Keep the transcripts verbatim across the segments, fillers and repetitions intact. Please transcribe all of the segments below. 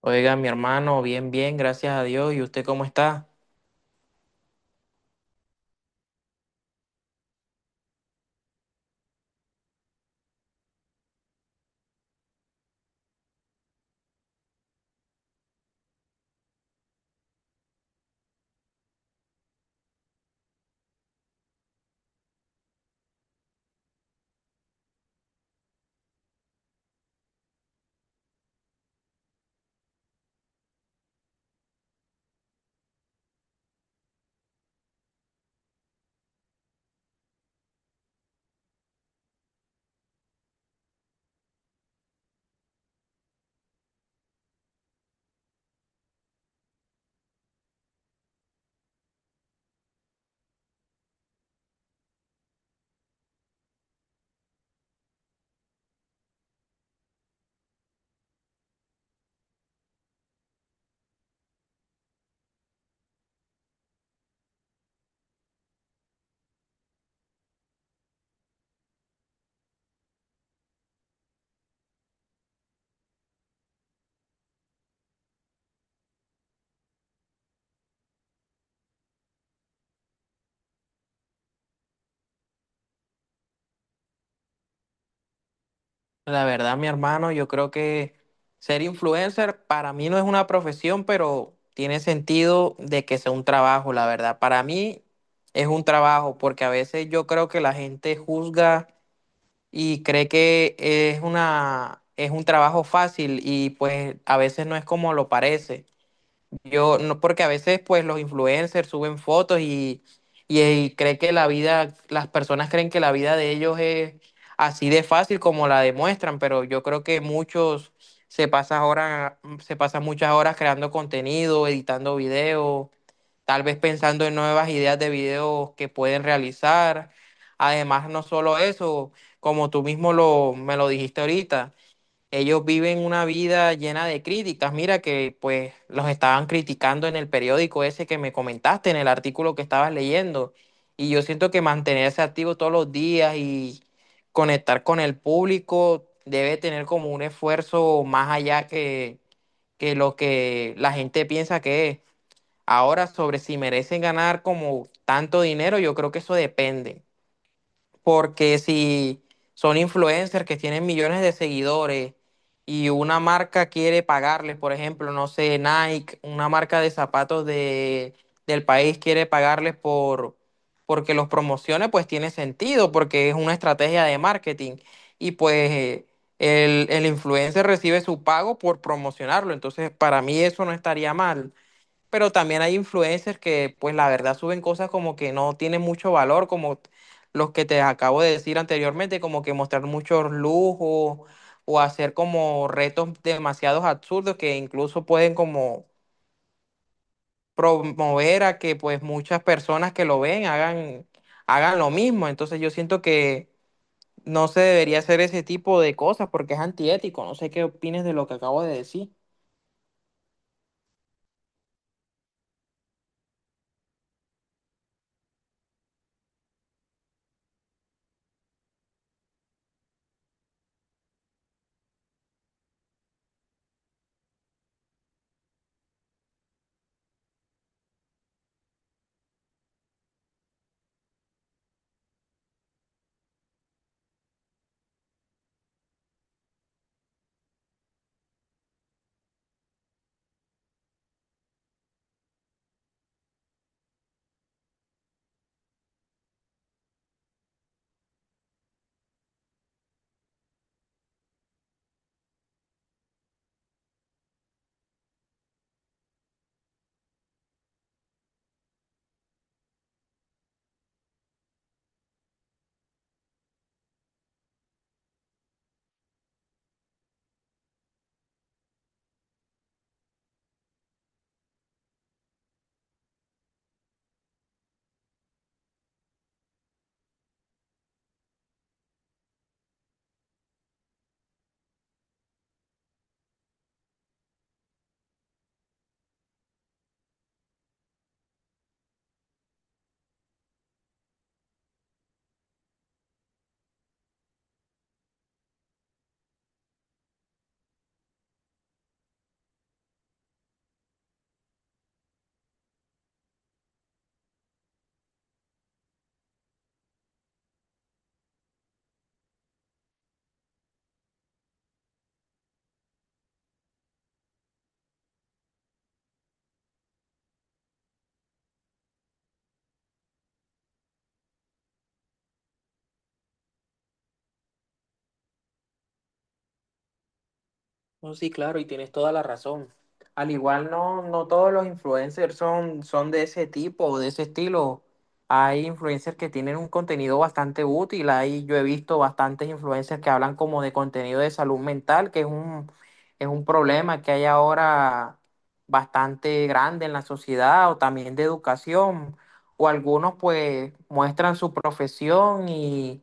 Oiga, mi hermano, bien, bien, gracias a Dios. ¿Y usted cómo está? La verdad, mi hermano, yo creo que ser influencer para mí no es una profesión, pero tiene sentido de que sea un trabajo, la verdad. Para mí es un trabajo porque a veces yo creo que la gente juzga y cree que es una, es un trabajo fácil y pues a veces no es como lo parece. Yo no, porque a veces pues los influencers suben fotos y, y, y cree que la vida, las personas creen que la vida de ellos es así de fácil como la demuestran, pero yo creo que muchos se pasan horas, se pasan muchas horas creando contenido, editando videos, tal vez pensando en nuevas ideas de videos que pueden realizar. Además, no solo eso, como tú mismo lo, me lo dijiste ahorita. Ellos viven una vida llena de críticas. Mira que pues los estaban criticando en el periódico ese que me comentaste, en el artículo que estabas leyendo. Y yo siento que mantenerse activo todos los días y conectar con el público debe tener como un esfuerzo más allá que, que lo que la gente piensa que es. Ahora, sobre si merecen ganar como tanto dinero, yo creo que eso depende porque si son influencers que tienen millones de seguidores y una marca quiere pagarles, por ejemplo, no sé, Nike, una marca de zapatos de, del país quiere pagarles por porque los promocione, pues tiene sentido, porque es una estrategia de marketing y pues eh, el, el influencer recibe su pago por promocionarlo, entonces para mí eso no estaría mal pero también hay influencers que, pues la verdad, suben cosas como que no tienen mucho valor, como los que te acabo de decir anteriormente, como que mostrar muchos lujos o hacer como retos demasiados absurdos que incluso pueden como promover a que pues muchas personas que lo ven hagan, hagan lo mismo. Entonces yo siento que no se debería hacer ese tipo de cosas porque es antiético. No sé qué opines de lo que acabo de decir. No, sí, claro, y tienes toda la razón. Al igual no, no todos los influencers son, son de ese tipo o de ese estilo. Hay influencers que tienen un contenido bastante útil. Ahí yo he visto bastantes influencers que hablan como de contenido de salud mental, que es un, es un problema que hay ahora bastante grande en la sociedad, o también de educación. O algunos pues muestran su profesión y,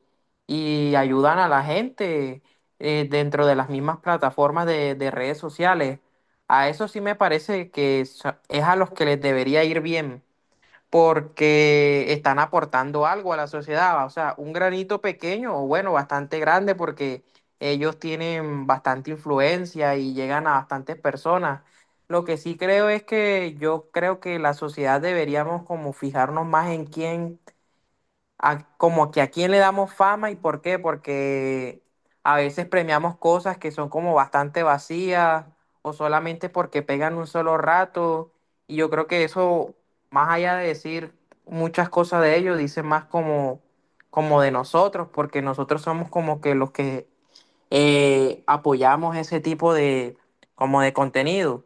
y ayudan a la gente eh, dentro de las mismas plataformas de, de redes sociales. A eso sí me parece que so- es a los que les debería ir bien, porque están aportando algo a la sociedad, o sea, un granito pequeño o bueno, bastante grande, porque ellos tienen bastante influencia y llegan a bastantes personas. Lo que sí creo es que yo creo que la sociedad deberíamos como fijarnos más en quién a- como que a quién le damos fama y por qué, porque a veces premiamos cosas que son como bastante vacías o solamente porque pegan un solo rato. Y yo creo que eso, más allá de decir muchas cosas de ellos, dice más como, como de nosotros, porque nosotros somos como que los que eh, apoyamos ese tipo de, como de contenido.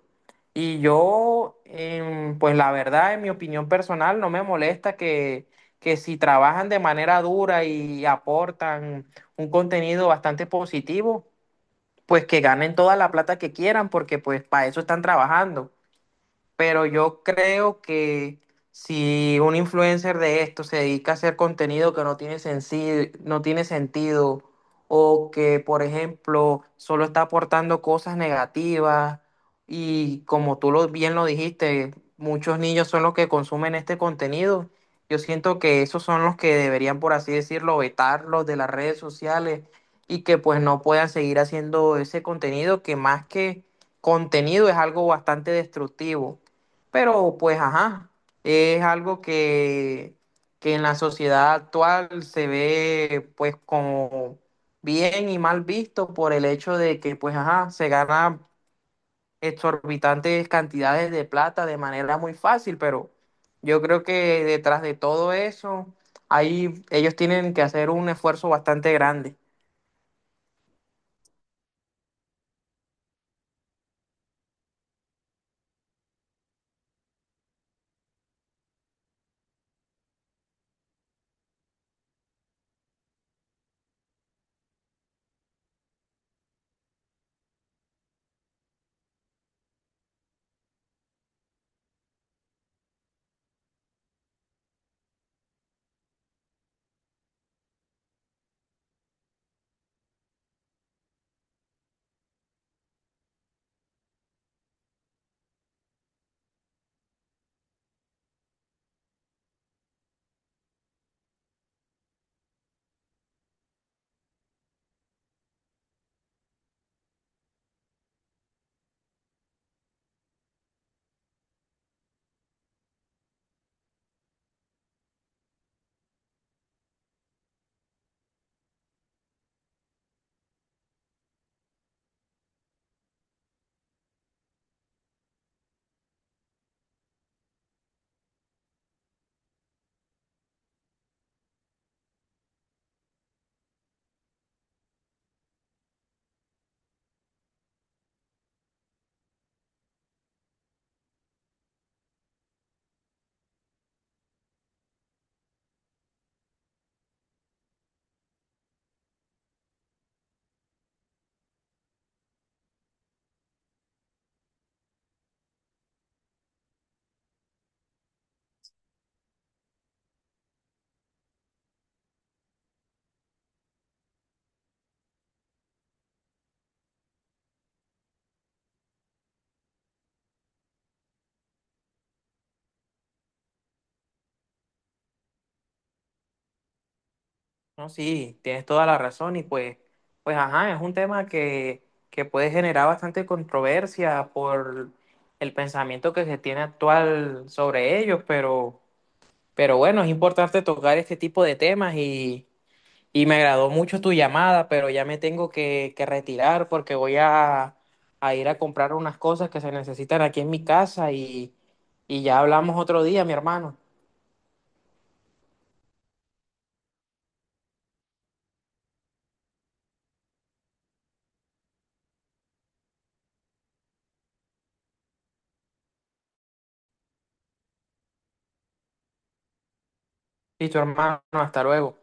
Y yo, em, pues la verdad, en mi opinión personal, no me molesta que, que si trabajan de manera dura y aportan un contenido bastante positivo, pues que ganen toda la plata que quieran, porque pues para eso están trabajando pero yo creo que si un influencer de esto se dedica a hacer contenido que no tiene sensi- no tiene sentido o que, por ejemplo, solo está aportando cosas negativas y como tú lo, bien lo dijiste, muchos niños son los que consumen este contenido. Yo siento que esos son los que deberían, por así decirlo, vetarlos de las redes sociales y que pues no puedan seguir haciendo ese contenido que más que contenido es algo bastante destructivo. Pero pues ajá, es algo que, que en la sociedad actual se ve pues como bien y mal visto por el hecho de que pues ajá, se ganan exorbitantes cantidades de plata de manera muy fácil, pero yo creo que detrás de todo eso, ahí ellos tienen que hacer un esfuerzo bastante grande. No, sí, tienes toda la razón y pues, pues ajá, es un tema que, que puede generar bastante controversia por el pensamiento que se tiene actual sobre ellos, pero, pero bueno, es importante tocar este tipo de temas y, y me agradó mucho tu llamada, pero ya me tengo que, que retirar porque voy a, a ir a comprar unas cosas que se necesitan aquí en mi casa y, y ya hablamos otro día, mi hermano. Y tu hermano, hasta luego.